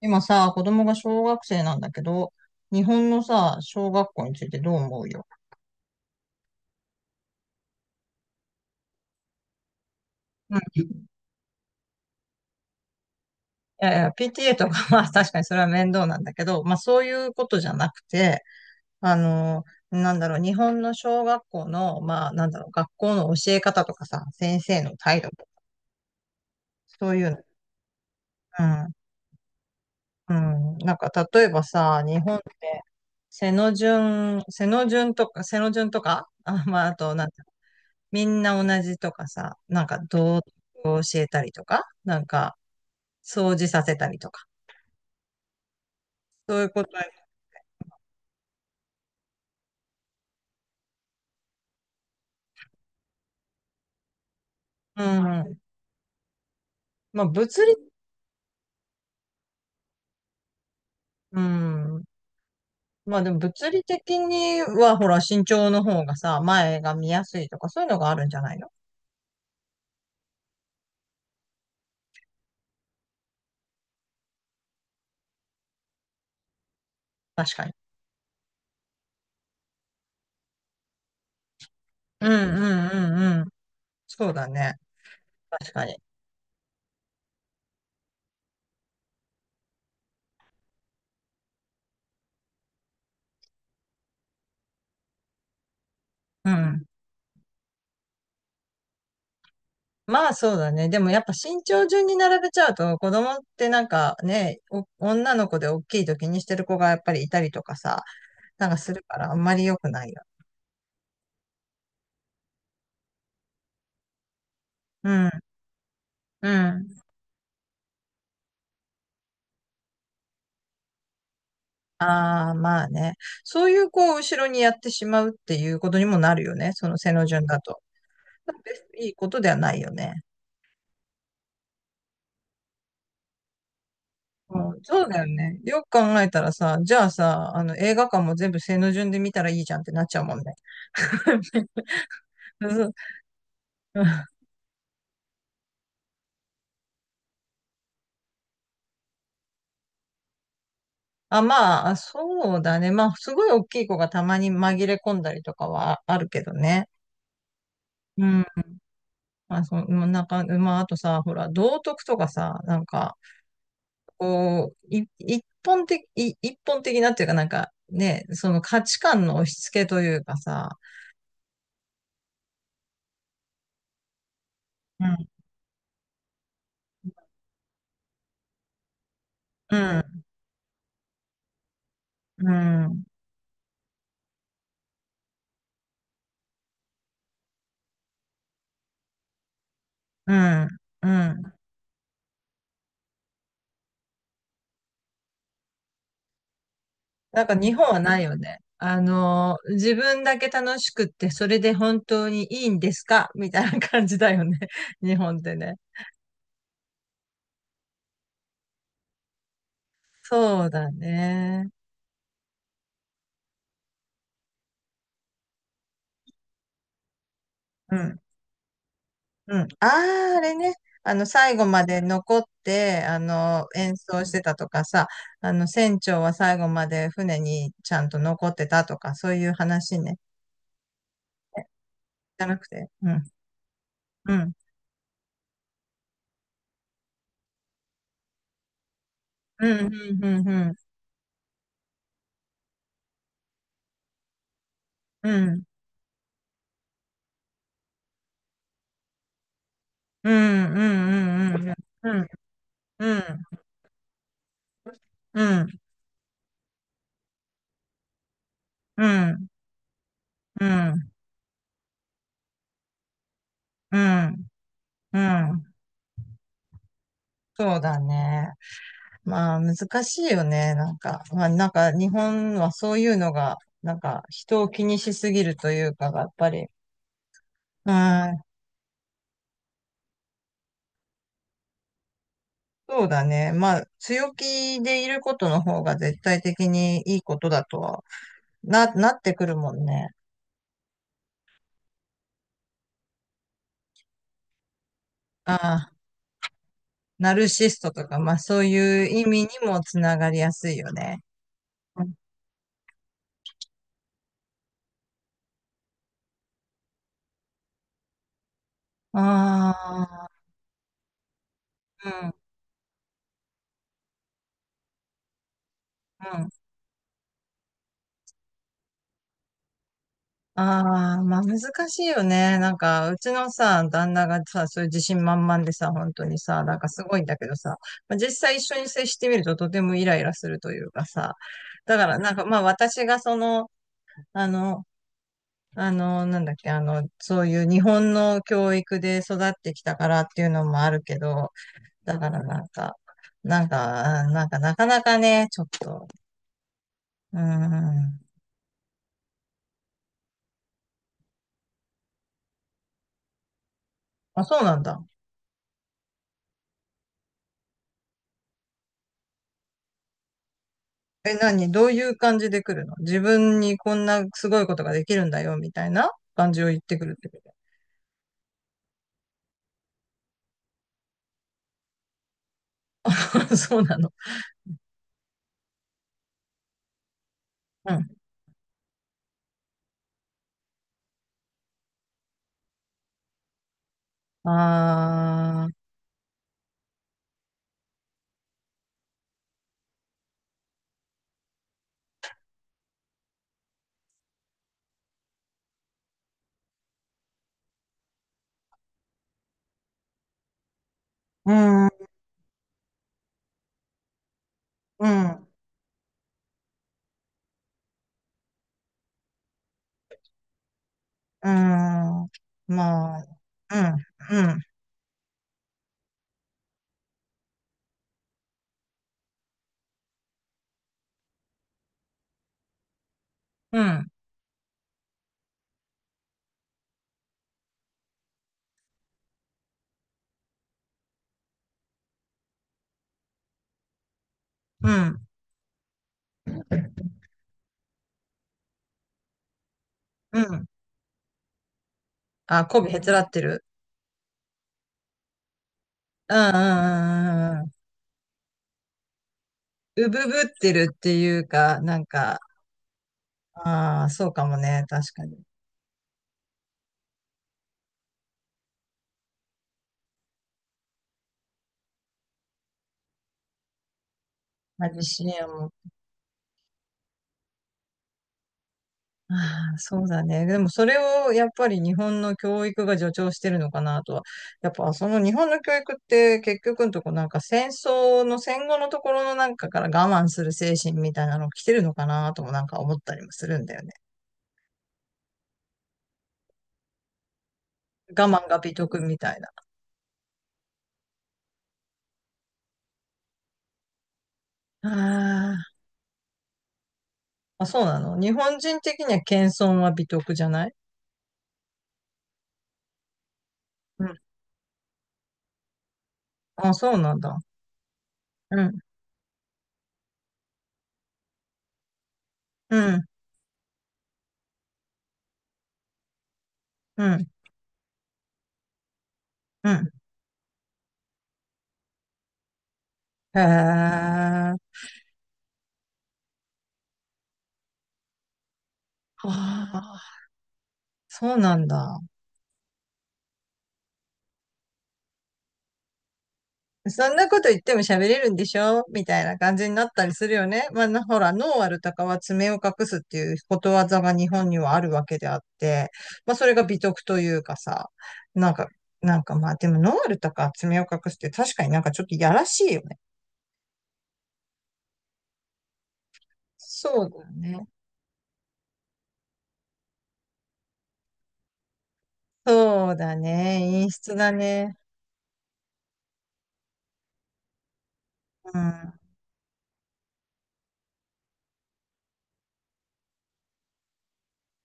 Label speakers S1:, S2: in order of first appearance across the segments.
S1: 今さ、子供が小学生なんだけど、日本のさ、小学校についてどう思うよ。うん。いやいや、PTA とか まあ確かにそれは面倒なんだけど、まあそういうことじゃなくて、あの、なんだろう、日本の小学校の、まあなんだろう、学校の教え方とかさ、先生の態度とか、そういうの。うん。うん。なんか例えばさ、日本って、背の順とか、あ、まああと、みんな同じとかさ、なんか道徳を教えたりとか、なんか掃除させたりとか、そういうことや。うん。まあ物理、うん。まあでも物理的にはほら身長の方がさ、前が見やすいとかそういうのがあるんじゃないの。確かに。うんうんうんうん。そうだね。確かに。うん。まあそうだね。でもやっぱ身長順に並べちゃうと子供ってなんかね、女の子で大きいと気にしてる子がやっぱりいたりとかさ、なんかするからあんまり良くないよね。うん、うん。ああ、まあね。そういう、こう、後ろにやってしまうっていうことにもなるよね。その背の順だと。別にいいことではないよね。うん、そうだよね。よく考えたらさ、じゃあさ、映画館も全部背の順で見たらいいじゃんってなっちゃうもんね。そううんあ、まあ、そうだね。まあ、すごい大きい子がたまに紛れ込んだりとかはあるけどね。うん。まあ、そう、うんなんか、まあ、あとさ、ほら、道徳とかさ、なんか、こう、い一本的なっていうかなんかね、その価値観の押し付けというかさ、うん、うん、うん、うん。なんか日本はないよね。自分だけ楽しくって、それで本当にいいんですかみたいな感じだよね。日本ってね。そうだね。うんうん。ああ、あれね。最後まで残って、演奏してたとかさ、船長は最後まで船にちゃんと残ってたとか、そういう話ね。じゃなくて。うん。うん。うん。うん。うん。うん。うん。うん。うん。うん。うん。うん。うん。うん。うん。うん。そうだね。まあ、難しいよね。なんか、まあ、なんか、日本はそういうのが、なんか、人を気にしすぎるというかが、やっぱり、ああ、そうだね。まあ、強気でいることの方が絶対的にいいことだとは、なってくるもんね。ああ、ナルシストとか、まあそういう意味にもつながりやすいよね。ああ、うん、うん。ああ、まあ難しいよね。なんか、うちのさ、旦那がさ、そういう自信満々でさ、本当にさ、なんかすごいんだけどさ、まあ、実際一緒に接してみるととてもイライラするというかさ、だからなんかまあ私がその、あの、あの、なんだっけ、そういう日本の教育で育ってきたからっていうのもあるけど、だからなんか、なんかなかなかね、ちょっと、うーん。あ、そうなんだ。え、何どういう感じで来るの自分にこんなすごいことができるんだよ、みたいな感じを言ってくるってこと そうなの。うん。あー、うん、うん、うん。まあ、うん、うん、うん、うん、うん。あ、媚びへつらってるうんうんうんうん。うぶぶってるっていうか、なんか、ああ、そうかもね。確かに。まあ、自信はもう。ああ、そうだね。でもそれをやっぱり日本の教育が助長してるのかなとは。やっぱその日本の教育って結局のとこなんか戦争の戦後のところのなんかから我慢する精神みたいなの来てるのかなともなんか思ったりもするんだよね。我慢が美徳みたいな。ああ、あ、そうなの。日本人的には謙遜は美徳じゃない。うん。あ、そうなんだ。うん、うん、うん、うん。へえ。ああ、そうなんだ。そんなこと言っても喋れるんでしょみたいな感じになったりするよね。まあ、ほら、ノーアルタカは爪を隠すっていうことわざが日本にはあるわけであって、まあ、それが美徳というかさ、なんか、なんかまあ、でもノーアルタカは爪を隠すって確かになんかちょっとやらしいよね。そうだね。そうだね。陰湿だね。うん。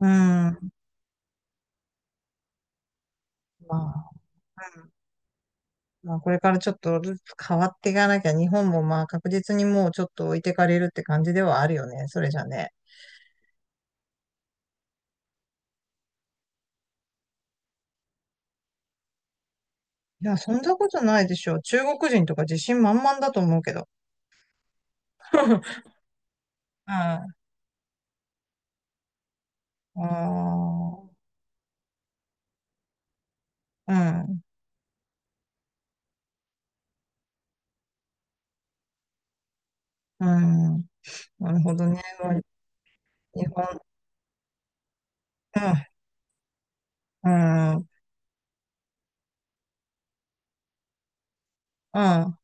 S1: うん。まあ。まあ、これからちょっとずつ変わっていかなきゃ、日本もまあ確実にもうちょっと置いてかれるって感じではあるよね。それじゃね。いや、そんなことないでしょ中国人とか自信満々だと思うけど。ああ、うん、うん。なるほどね。まあ日本、うん、うん、うん。